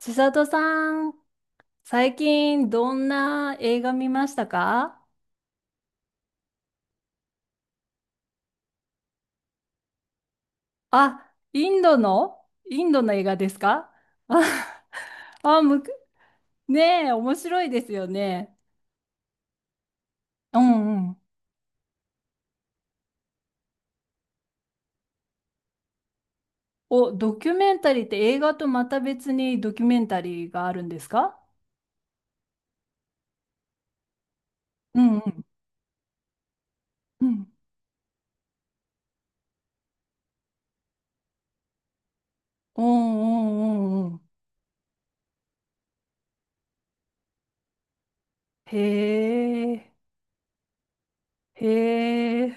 千里さん、最近どんな映画見ましたか？あ、インドの映画ですか？あ、あ、むく、ねえ、面白いですよね。うんうん。お、ドキュメンタリーって映画とまた別にドキュメンタリーがあるんですか？うんうん。うん。うんうんうんうん。へえ、へえ、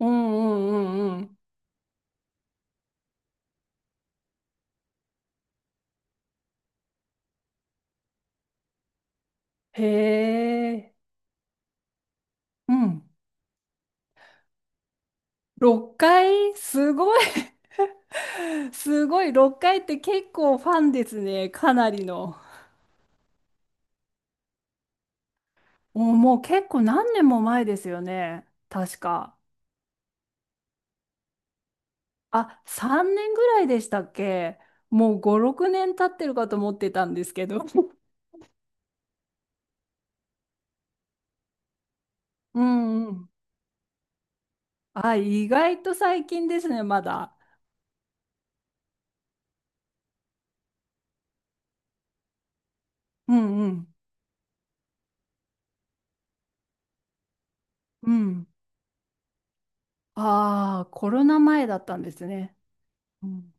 うんうんうんうん。へえ、うん。6回すごい すごい、6回って結構ファンですね。かなりの。もう結構何年も前ですよね。確か。あ、3年ぐらいでしたっけ？もう5、6年経ってるかと思ってたんですけど。うんうん。あ、意外と最近ですね、まだ。うんうん。うん。ああ、コロナ前だったんですね。うん、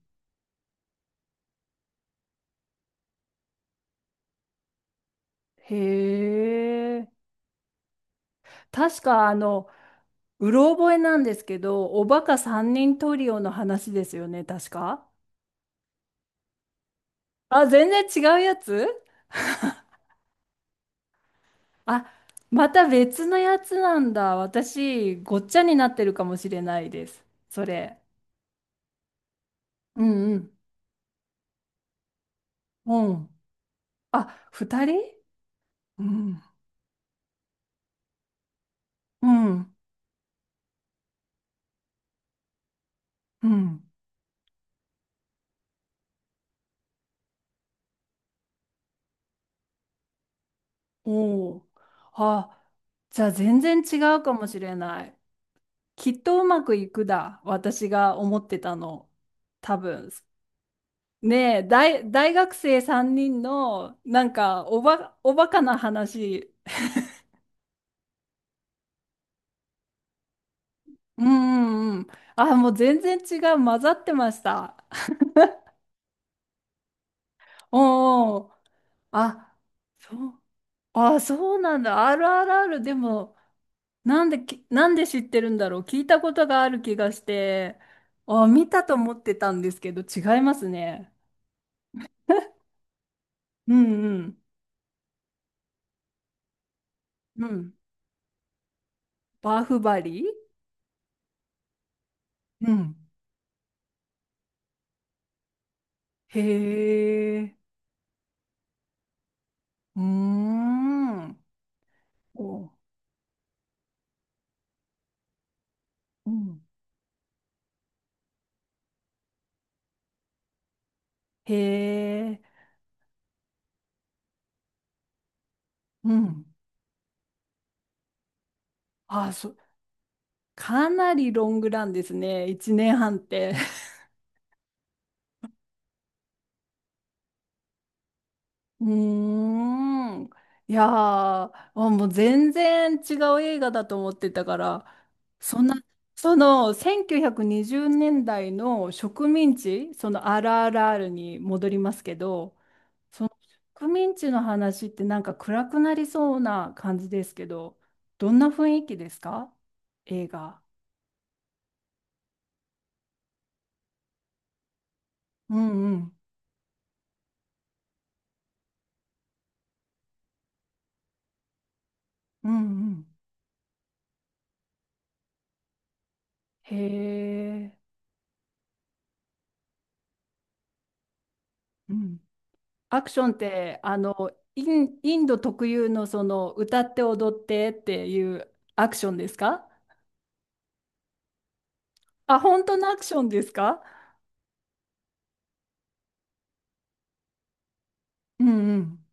へえ。確かうろ覚えなんですけど、おバカ三人トリオの話ですよね、確か。あ、全然違うやつ。あ、また別のやつなんだ。私、ごっちゃになってるかもしれないです。それ。うんうん。うん。あ、二人。うん。うん。うん。おお。あ、じゃあ全然違うかもしれない。きっとうまくいくだ。私が思ってたの。多分。ねえ、大学生3人の、おバカな話。うんうんうん。あ、もう全然違う。混ざってました。おお。あ、そう。あ、そうなんだ。RRR でも、なんで知ってるんだろう。聞いたことがある気がして。あ、見たと思ってたんですけど、違いますね。うんうん。うん。バーフバリ。うん。へえ。うーん。おうん。へえ。うん。あ、そう。かなりロングランですね。1年半って。うーん。いやー、あもう全然違う映画だと思ってたから、そんな、その1920年代の植民地、その RRR に戻りますけど、植民地の話ってなんか暗くなりそうな感じですけど、どんな雰囲気ですか？映画。うんうん。うんうん。へえ。うん、アクションって、インド特有のその歌って踊ってっていうアクションですか？あ、本当のアクションですか？うんうん。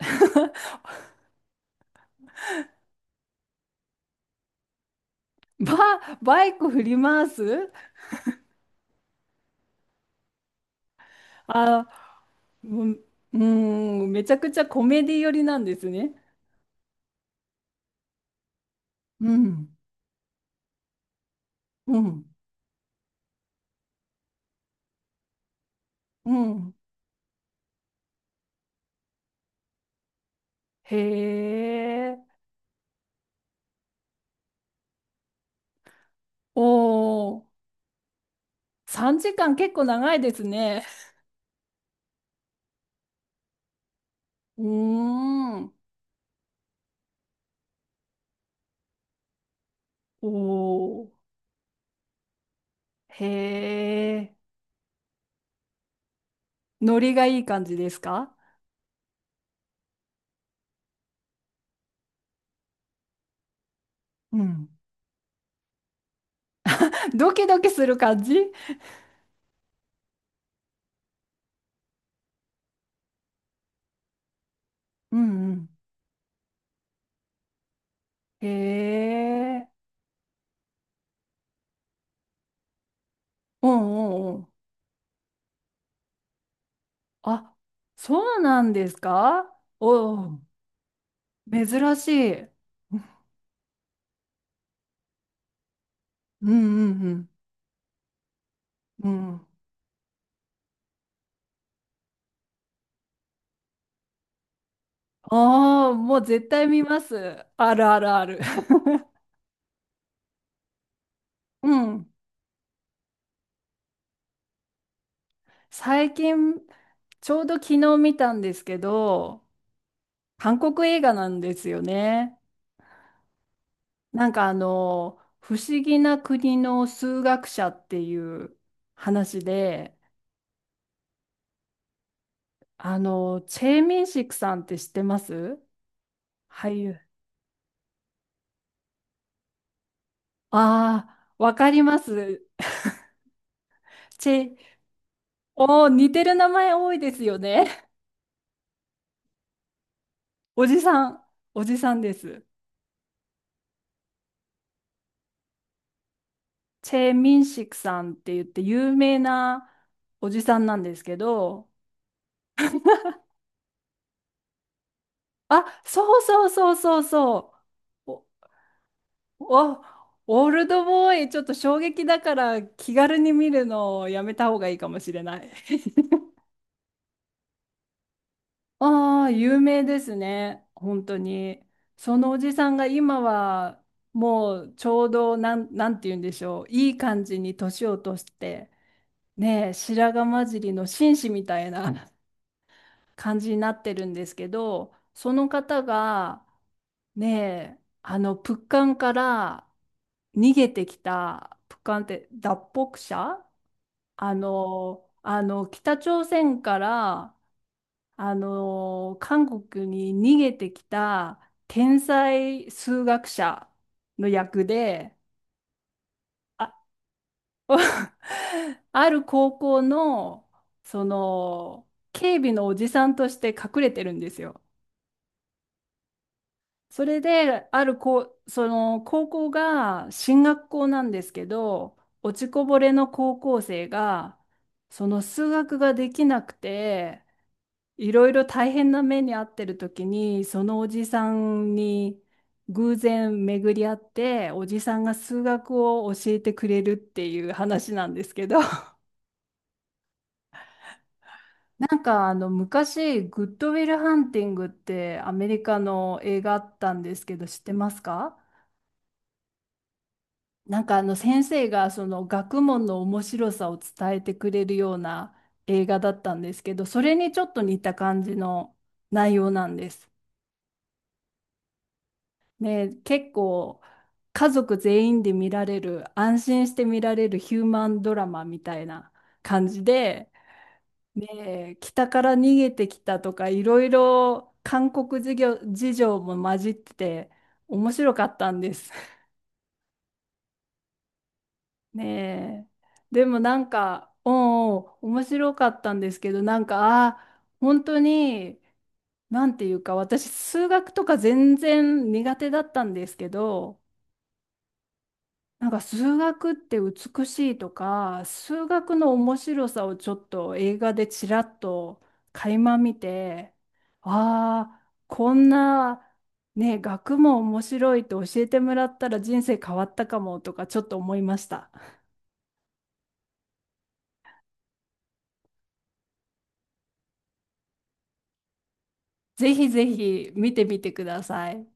バイク振り回す。あ、うん、うん、めちゃくちゃコメディ寄りなんですね。うんうんうん。へえ、おお、3時間結構長いですね。うーん、おへえ。ノリがいい感じですか？うん。ドキドキする感じ？うんうん。へえ。うんうんうん。あ、そうなんですか？おおー珍しい。うんうんうん。うん、ああ、もう絶対見ます。あるあるある。うん、最近、ちょうど昨日見たんですけど、韓国映画なんですよね。不思議な国の数学者っていう話で、チェ・ミンシクさんって知ってます？俳優。ああ、わかります。チェ、おー、似てる名前多いですよね。おじさん、おじさんです。チェ・ミンシクさんって言って有名なおじさんなんですけど、あ、そうそうそうそうそう。お、オールドボーイ、ちょっと衝撃だから気軽に見るのをやめた方がいいかもしれない。ああ、有名ですね。本当に。そのおじさんが今はもうちょうどなんて言うんでしょう。いい感じに年を落として、ねえ、白髪混じりの紳士みたいな 感じになってるんですけど、その方が、ねえ、プッカンから逃げてきた、プッカンって脱北者？北朝鮮から、韓国に逃げてきた天才数学者の役で、あ、ある高校の、その、警備のおじさんとして隠れてるんですよ。それで、あるこう、高校が進学校なんですけど、落ちこぼれの高校生が、その数学ができなくて、いろいろ大変な目に遭ってる時に、そのおじさんに偶然巡り合って、おじさんが数学を教えてくれるっていう話なんですけど、昔、グッドウィルハンティングってアメリカの映画あったんですけど、知ってますか？先生がその学問の面白さを伝えてくれるような映画だったんですけど、それにちょっと似た感じの内容なんです。ね、結構家族全員で見られる、安心して見られるヒューマンドラマみたいな感じで、ね、北から逃げてきたとか、いろいろ韓国事情も混じってて、面白かったんです。ねえ、でもなんか、うんうん、面白かったんですけど、なんか、あー本当に、なんていうか、私、数学とか全然苦手だったんですけど、なんか数学って美しいとか、数学の面白さをちょっと映画でちらっと垣間見て、ああ、こんなね、学問面白いって教えてもらったら人生変わったかもとかちょっと思いました。ぜひぜひ見てみてください。